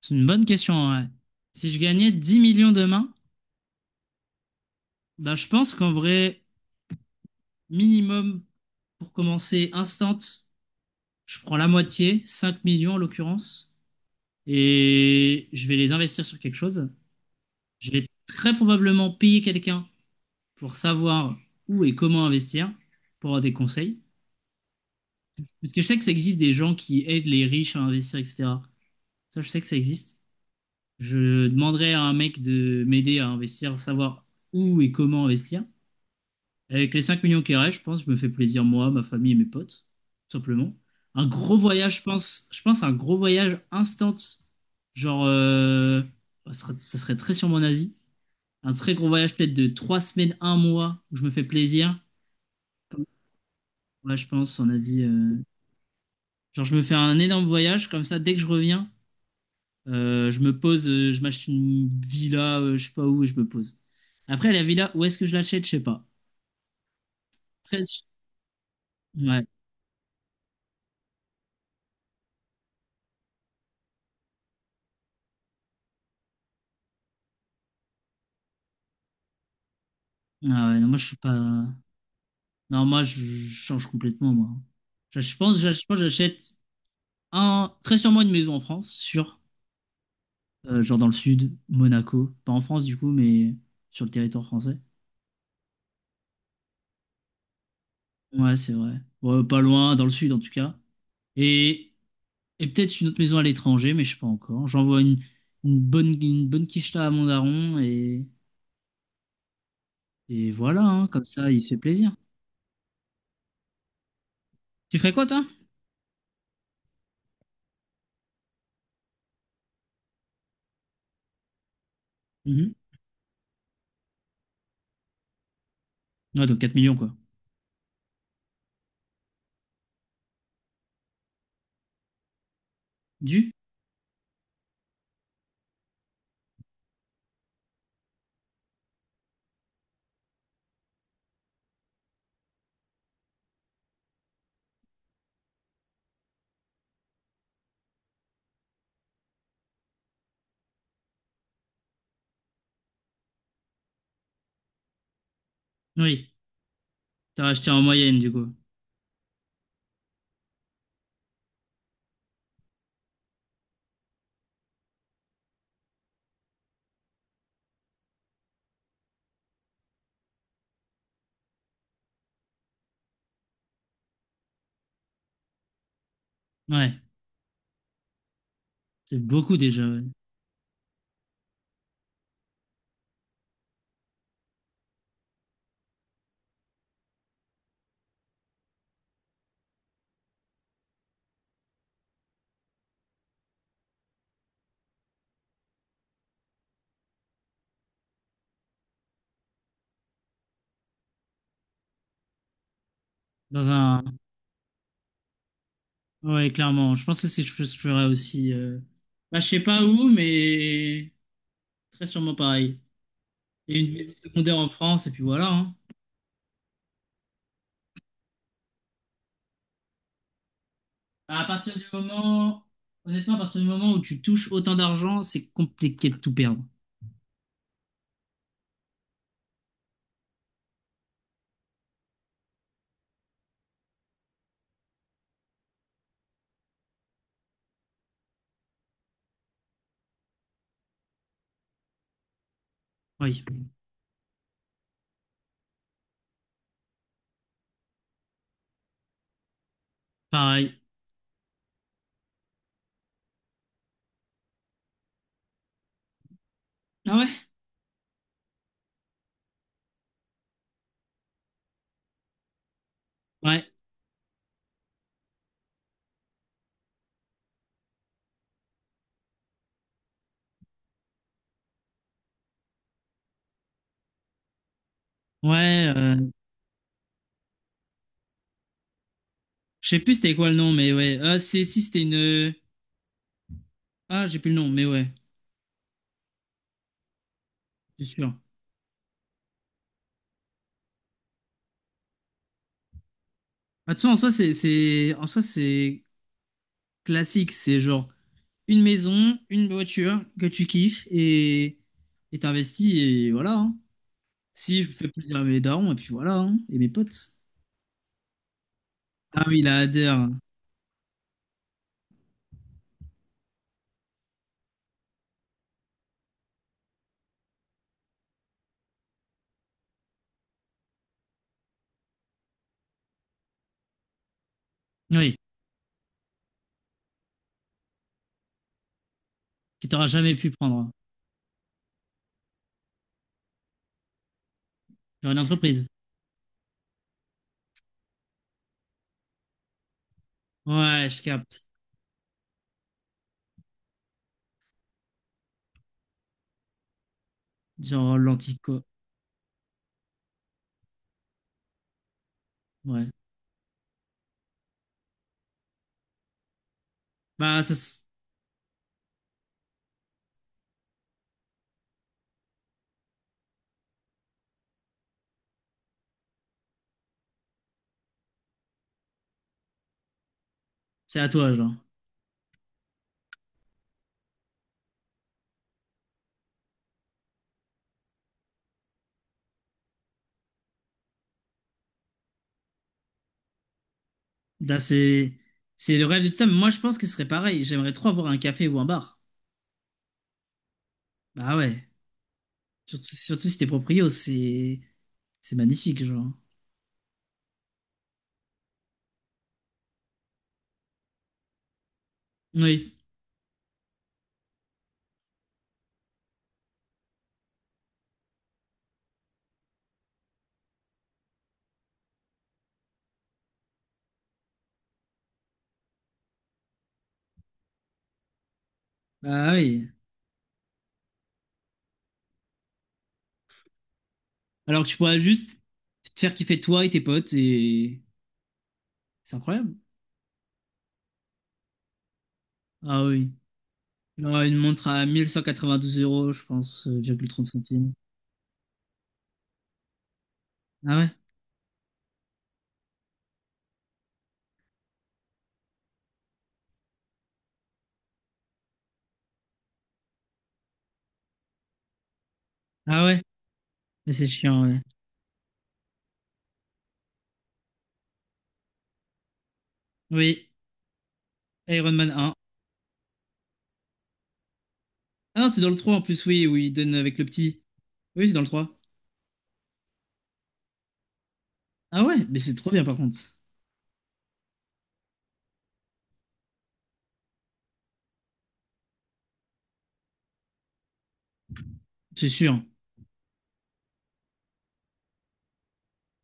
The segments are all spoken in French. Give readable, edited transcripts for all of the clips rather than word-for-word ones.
C'est une bonne question, en vrai. Si je gagnais 10 millions demain, bah, je pense qu'en vrai, minimum, pour commencer instant, je prends la moitié, 5 millions en l'occurrence, et je vais les investir sur quelque chose. Je vais très probablement payer quelqu'un pour savoir où et comment investir, pour avoir des conseils. Parce que je sais que ça existe des gens qui aident les riches à investir, etc. Ça, je sais que ça existe. Je demanderai à un mec de m'aider à investir, savoir où et comment investir. Avec les 5 millions qui restent, je pense, je me fais plaisir moi, ma famille et mes potes, tout simplement. Un gros voyage, je pense à un gros voyage instant, genre, ça serait très sûrement en Asie. Un très gros voyage peut-être de 3 semaines, un mois, où je me fais plaisir. Ouais, je pense en Asie. Genre, je me fais un énorme voyage, comme ça, dès que je reviens, je me pose, je m'achète une villa, je sais pas où, et je me pose. Après, la villa, où est-ce que je l'achète, je sais pas. Très. Ouais. Ah ouais, non, moi, je suis pas. Non, moi, je change complètement, moi. Je pense, je pense que j'achète un, très sûrement une maison en France, sûr. Genre dans le sud, Monaco. Pas en France, du coup, mais sur le territoire français. Ouais, c'est vrai. Ouais, pas loin, dans le sud, en tout cas. Et, et peut-être une autre maison à l'étranger, mais je sais pas encore. J'envoie une bonne quicheta à mon daron et voilà, hein, comme ça, il se fait plaisir. Tu ferais quoi, toi? Mhm. Ouais, donc 4 millions, quoi. Du? Oui. T'as acheté en moyenne, du coup. Ouais, c'est beaucoup déjà. Ouais. Dans un. Ouais, clairement. Je pense que c'est ce que je ferais aussi. Bah, je sais pas où, mais très sûrement pareil. Et une maison secondaire en France, et puis voilà, hein. Bah, À partir du moment... Honnêtement, à partir du moment où tu touches autant d'argent, c'est compliqué de tout perdre. Oui, pareil. Ah ouais? Ouais. Ouais, je sais plus c'était quoi le nom, mais ouais. Ah, si c'était une. Ah, j'ai plus le nom, mais ouais, c'est sûr. Ah, de toute façon, en soi, c'est classique. C'est genre une maison, une voiture que tu kiffes et t'investis et voilà, hein. Si je fais plaisir à mes darons et puis voilà, hein, et mes potes. Ah oui, la ADR. Oui, que t'auras jamais pu prendre, hein. Genre une entreprise. Ouais, je capte. Genre l'antico. Ouais. Bah ça c'est à toi genre. Là c'est le rêve de tout ça. Mais moi je pense que ce serait pareil. J'aimerais trop avoir un café ou un bar. Bah ouais. Surtout, si t'es proprio, c'est magnifique genre. Oui. Bah oui. Alors que tu pourrais juste te faire kiffer toi et tes potes et c'est incroyable. Ah oui. Genre une montre à 1192 euros, je pense, virgule 30 centimes. Ah ouais? Ah ouais? Mais c'est chiant, ouais. Oui, Iron Man 1. Ah non, c'est dans le trois en plus, oui, où il donne avec le petit. Oui, c'est dans le 3. Ah ouais, mais c'est trop bien par contre. C'est sûr.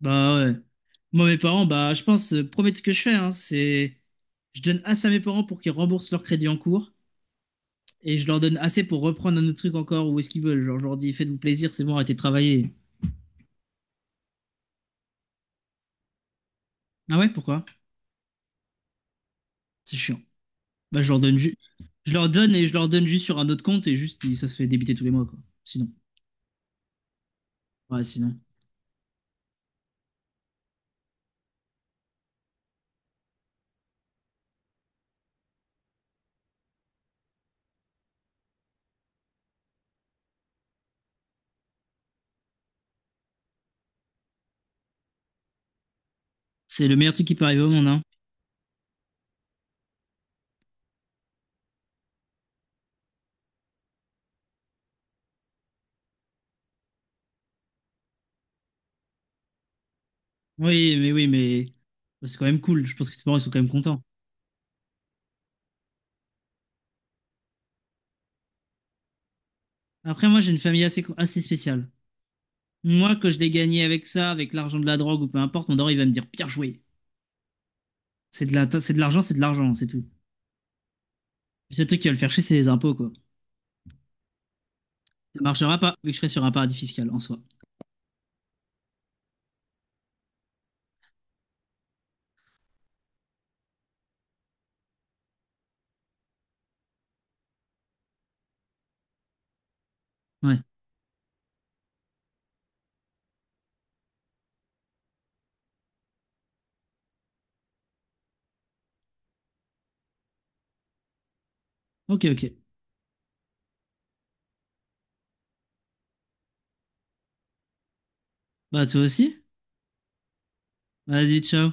Bah ouais. Moi, mes parents, bah je pense, premier truc que je fais, hein, c'est. Je donne assez à mes parents pour qu'ils remboursent leur crédit en cours. Et je leur donne assez pour reprendre un autre truc encore ou est-ce qu'ils veulent. Genre, je leur dis faites-vous plaisir, c'est bon, arrêtez de travailler. Ah ouais, pourquoi? C'est chiant. Bah, je leur donne juste. Je leur donne et je leur donne juste sur un autre compte et juste ça se fait débiter tous les mois quoi. Sinon, ouais, sinon. C'est le meilleur truc qui peut arriver au monde, hein. Oui, mais bah, c'est quand même cool. Je pense que tes parents ils sont quand même contents. Après, moi j'ai une famille assez, assez spéciale. Moi, quand je l'ai gagné avec ça, avec l'argent de la drogue ou peu importe, mon daron il va me dire bien joué. C'est de l'argent, c'est de l'argent, c'est tout. Le seul truc qui va le faire chier, c'est les impôts quoi. Ça marchera pas vu que je serai sur un paradis fiscal en soi. Ouais. Ok, ok. Bah, toi aussi. Vas-y, ciao.